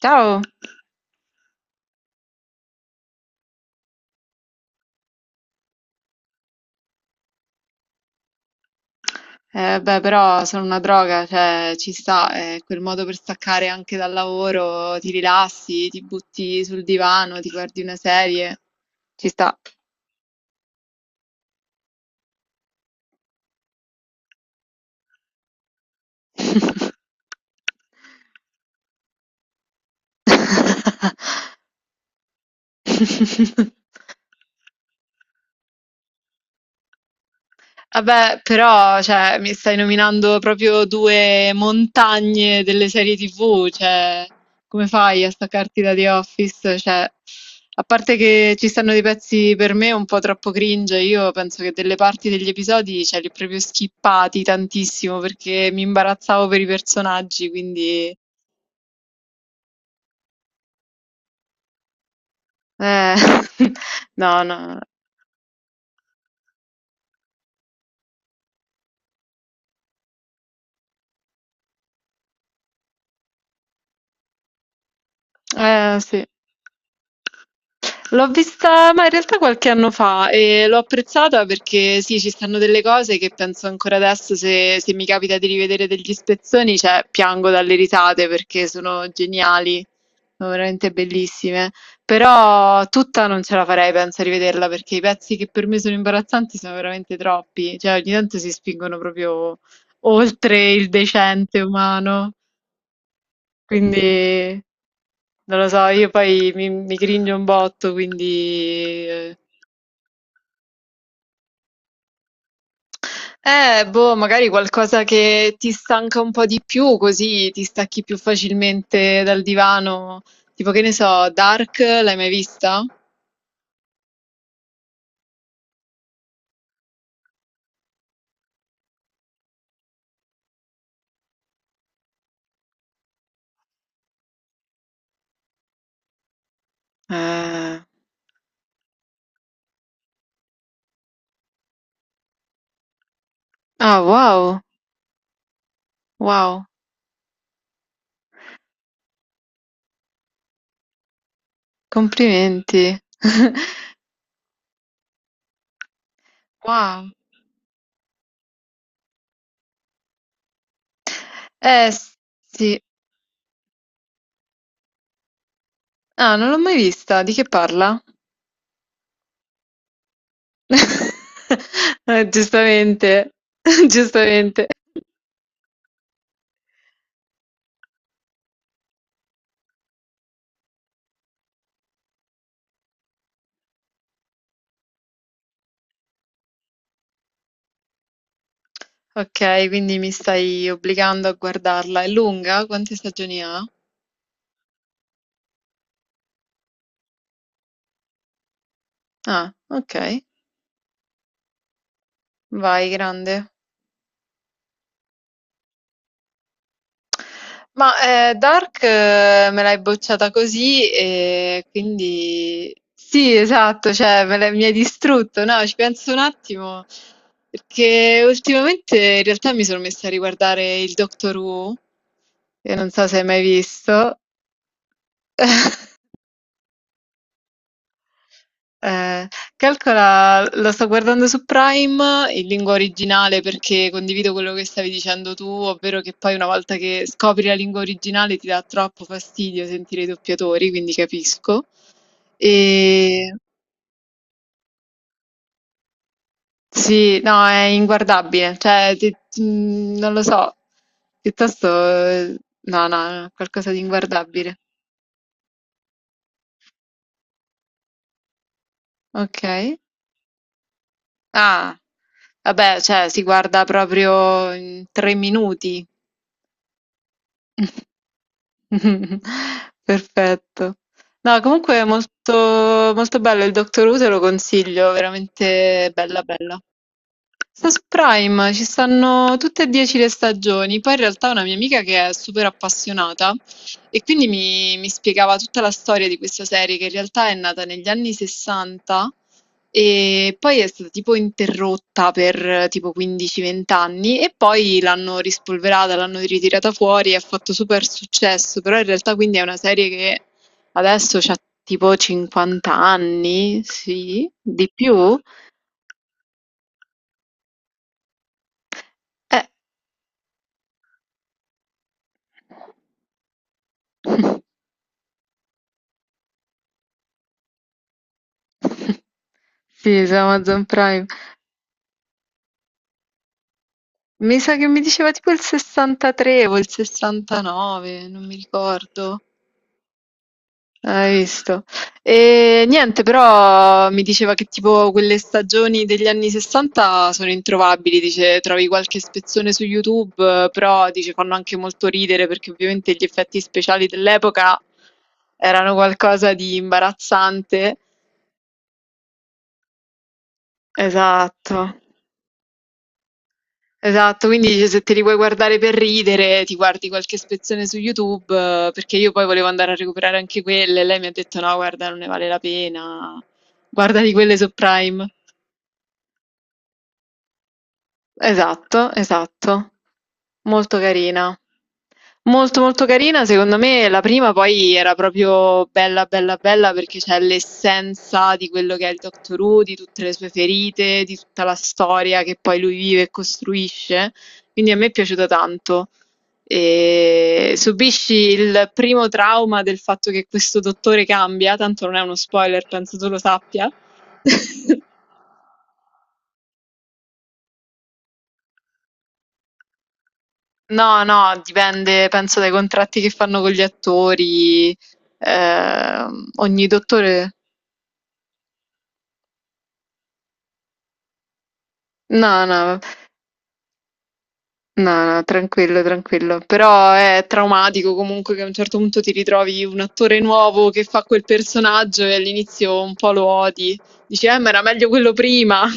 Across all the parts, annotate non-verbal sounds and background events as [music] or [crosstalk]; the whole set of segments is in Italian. Ciao! Beh, però sono una droga, cioè ci sta, è quel modo per staccare anche dal lavoro, ti rilassi, ti butti sul divano, ti guardi una serie, ci sta. [laughs] Vabbè, però, cioè, mi stai nominando proprio due montagne delle serie TV, cioè, come fai a staccarti da The Office? Cioè, a parte che ci stanno dei pezzi per me un po' troppo cringe, io penso che delle parti degli episodi, cioè, li ho proprio skippati tantissimo perché mi imbarazzavo per i personaggi, quindi. eh, [laughs] no, no. Sì. L'ho vista, ma in realtà qualche anno fa e l'ho apprezzata perché sì, ci stanno delle cose che penso ancora adesso, se mi capita di rivedere degli spezzoni, cioè piango dalle risate perché sono geniali, sono veramente bellissime. Però tutta non ce la farei, penso, a rivederla perché i pezzi che per me sono imbarazzanti sono veramente troppi, cioè ogni tanto si spingono proprio oltre il decente umano. Quindi non lo so, io poi mi cringio un botto, quindi boh, magari qualcosa che ti stanca un po' di più, così ti stacchi più facilmente dal divano. Tipo che ne so, Dark, l'hai mai vista? Eh, Ah, wow, wow, complimenti. [laughs] Wow. Eh sì. Ah, non l'ho mai vista. Di che parla? [laughs] Giustamente, [laughs] giustamente. Ok, quindi mi stai obbligando a guardarla. È lunga? Quante stagioni ha? Ah, ok, vai, grande. Ma Dark me l'hai bocciata così e quindi sì, esatto, cioè mi hai distrutto, no? Ci penso un attimo perché ultimamente in realtà mi sono messa a riguardare il Doctor Who, che non so se hai mai visto. [laughs] Ehm, calcola, lo sto guardando su Prime in lingua originale perché condivido quello che stavi dicendo tu, ovvero che poi una volta che scopri la lingua originale ti dà troppo fastidio sentire i doppiatori, quindi capisco. E sì, no, è inguardabile, cioè non lo so, piuttosto no, no, qualcosa di inguardabile. Ok. Ah, vabbè, cioè si guarda proprio in 3 minuti. [laughs] Perfetto. No, comunque è molto, molto bello il Doctor Who, te lo consiglio, veramente bella bella. Su Prime ci stanno tutte e 10 le stagioni, poi in realtà una mia amica che è super appassionata e quindi mi spiegava tutta la storia di questa serie che in realtà è nata negli anni 60 e poi è stata tipo interrotta per tipo 15-20 anni e poi l'hanno rispolverata, l'hanno ritirata fuori e ha fatto super successo, però in realtà quindi è una serie che adesso ha tipo 50 anni, sì, di più. Eh. [laughs] [laughs] Sì, su Amazon Prime. Mi sa che mi diceva tipo il 63 o il 69, non mi ricordo. Hai visto? E niente, però mi diceva che tipo quelle stagioni degli anni 60 sono introvabili, dice trovi qualche spezzone su YouTube, però dice fanno anche molto ridere perché ovviamente gli effetti speciali dell'epoca erano qualcosa di imbarazzante. Esatto. Esatto, quindi dice, se te li vuoi guardare per ridere, ti guardi qualche spezzone su YouTube, perché io poi volevo andare a recuperare anche quelle, e lei mi ha detto no, guarda, non ne vale la pena, guardati quelle su Prime. Esatto, esatto. Molto carina. Molto molto carina, secondo me la prima poi era proprio bella bella bella perché c'è l'essenza di quello che è il Doctor Who, di tutte le sue ferite, di tutta la storia che poi lui vive e costruisce, quindi a me è piaciuta tanto. E subisci il primo trauma del fatto che questo dottore cambia, tanto non è uno spoiler, penso tu lo sappia. No, no, dipende, penso dai contratti che fanno con gli attori. Ogni dottore. No, no, no, no, tranquillo, tranquillo. Però è traumatico comunque che a un certo punto ti ritrovi un attore nuovo che fa quel personaggio e all'inizio un po' lo odi. Dici, ma era meglio quello prima.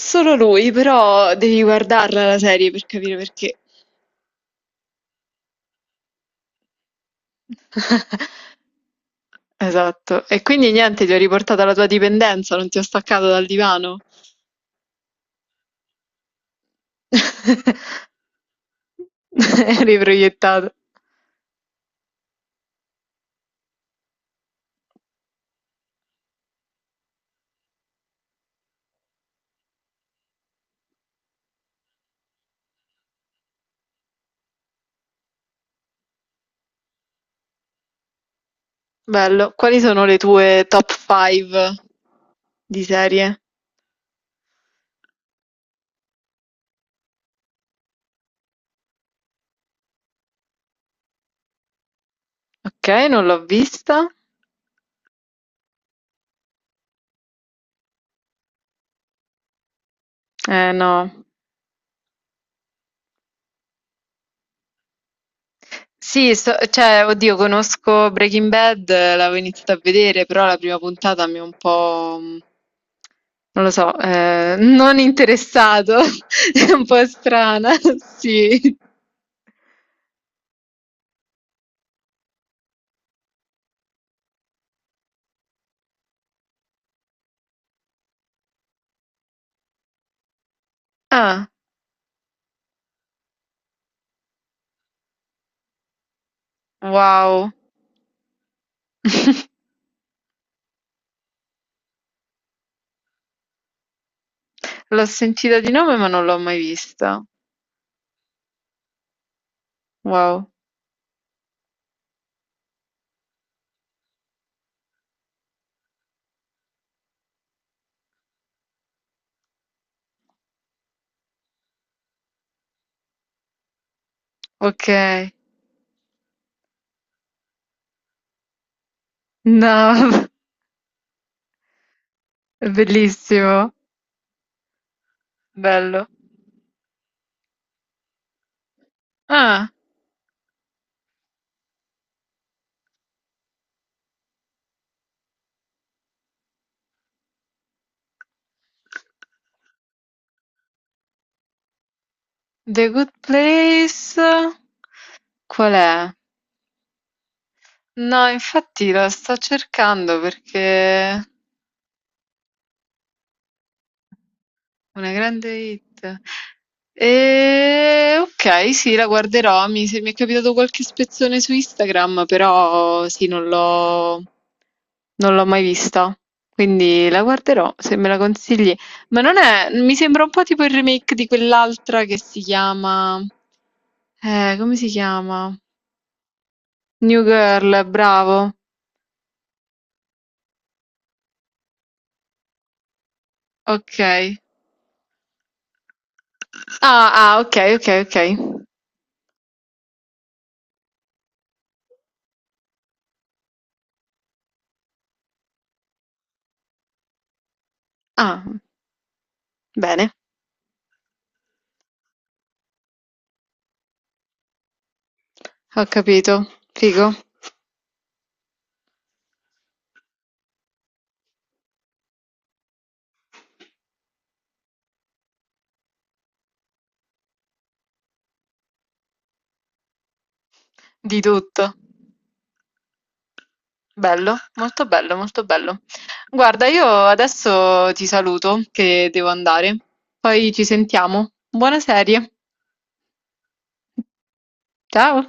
Solo lui, però devi guardarla la serie per capire perché. [laughs] Esatto. E quindi niente, ti ho riportato alla tua dipendenza, non ti ho staccato dal divano. [laughs] Eri proiettato. Bello. Quali sono le tue top 5 di serie? Ok, non l'ho vista. Eh no. Sì, cioè, oddio, conosco Breaking Bad, l'avevo iniziata a vedere, però la prima puntata mi ha un po'. Non lo so, non interessato, [laughs] è un po' strana, [laughs] sì. Ah, wow. [laughs] L'ho sentita di nome ma non l'ho mai vista. Wow, okay. No, [laughs] è bellissimo, bello. Ah, The Good Place, qual è? No, infatti la sto cercando perché una grande hit. E. Ok, sì, la guarderò. Mi, se- mi è capitato qualche spezzone su Instagram, però sì, non l'ho mai vista. Quindi la guarderò se me la consigli. Ma non è, mi sembra un po' tipo il remake di quell'altra che si chiama. Come si chiama? New Girl, bravo. Ok. Ah, ah, ok, ok, ok. Ah, bene, ho capito. Figo. Di tutto. Bello, molto bello, molto bello. Guarda, io adesso ti saluto che devo andare. Poi ci sentiamo. Buona serie. Ciao.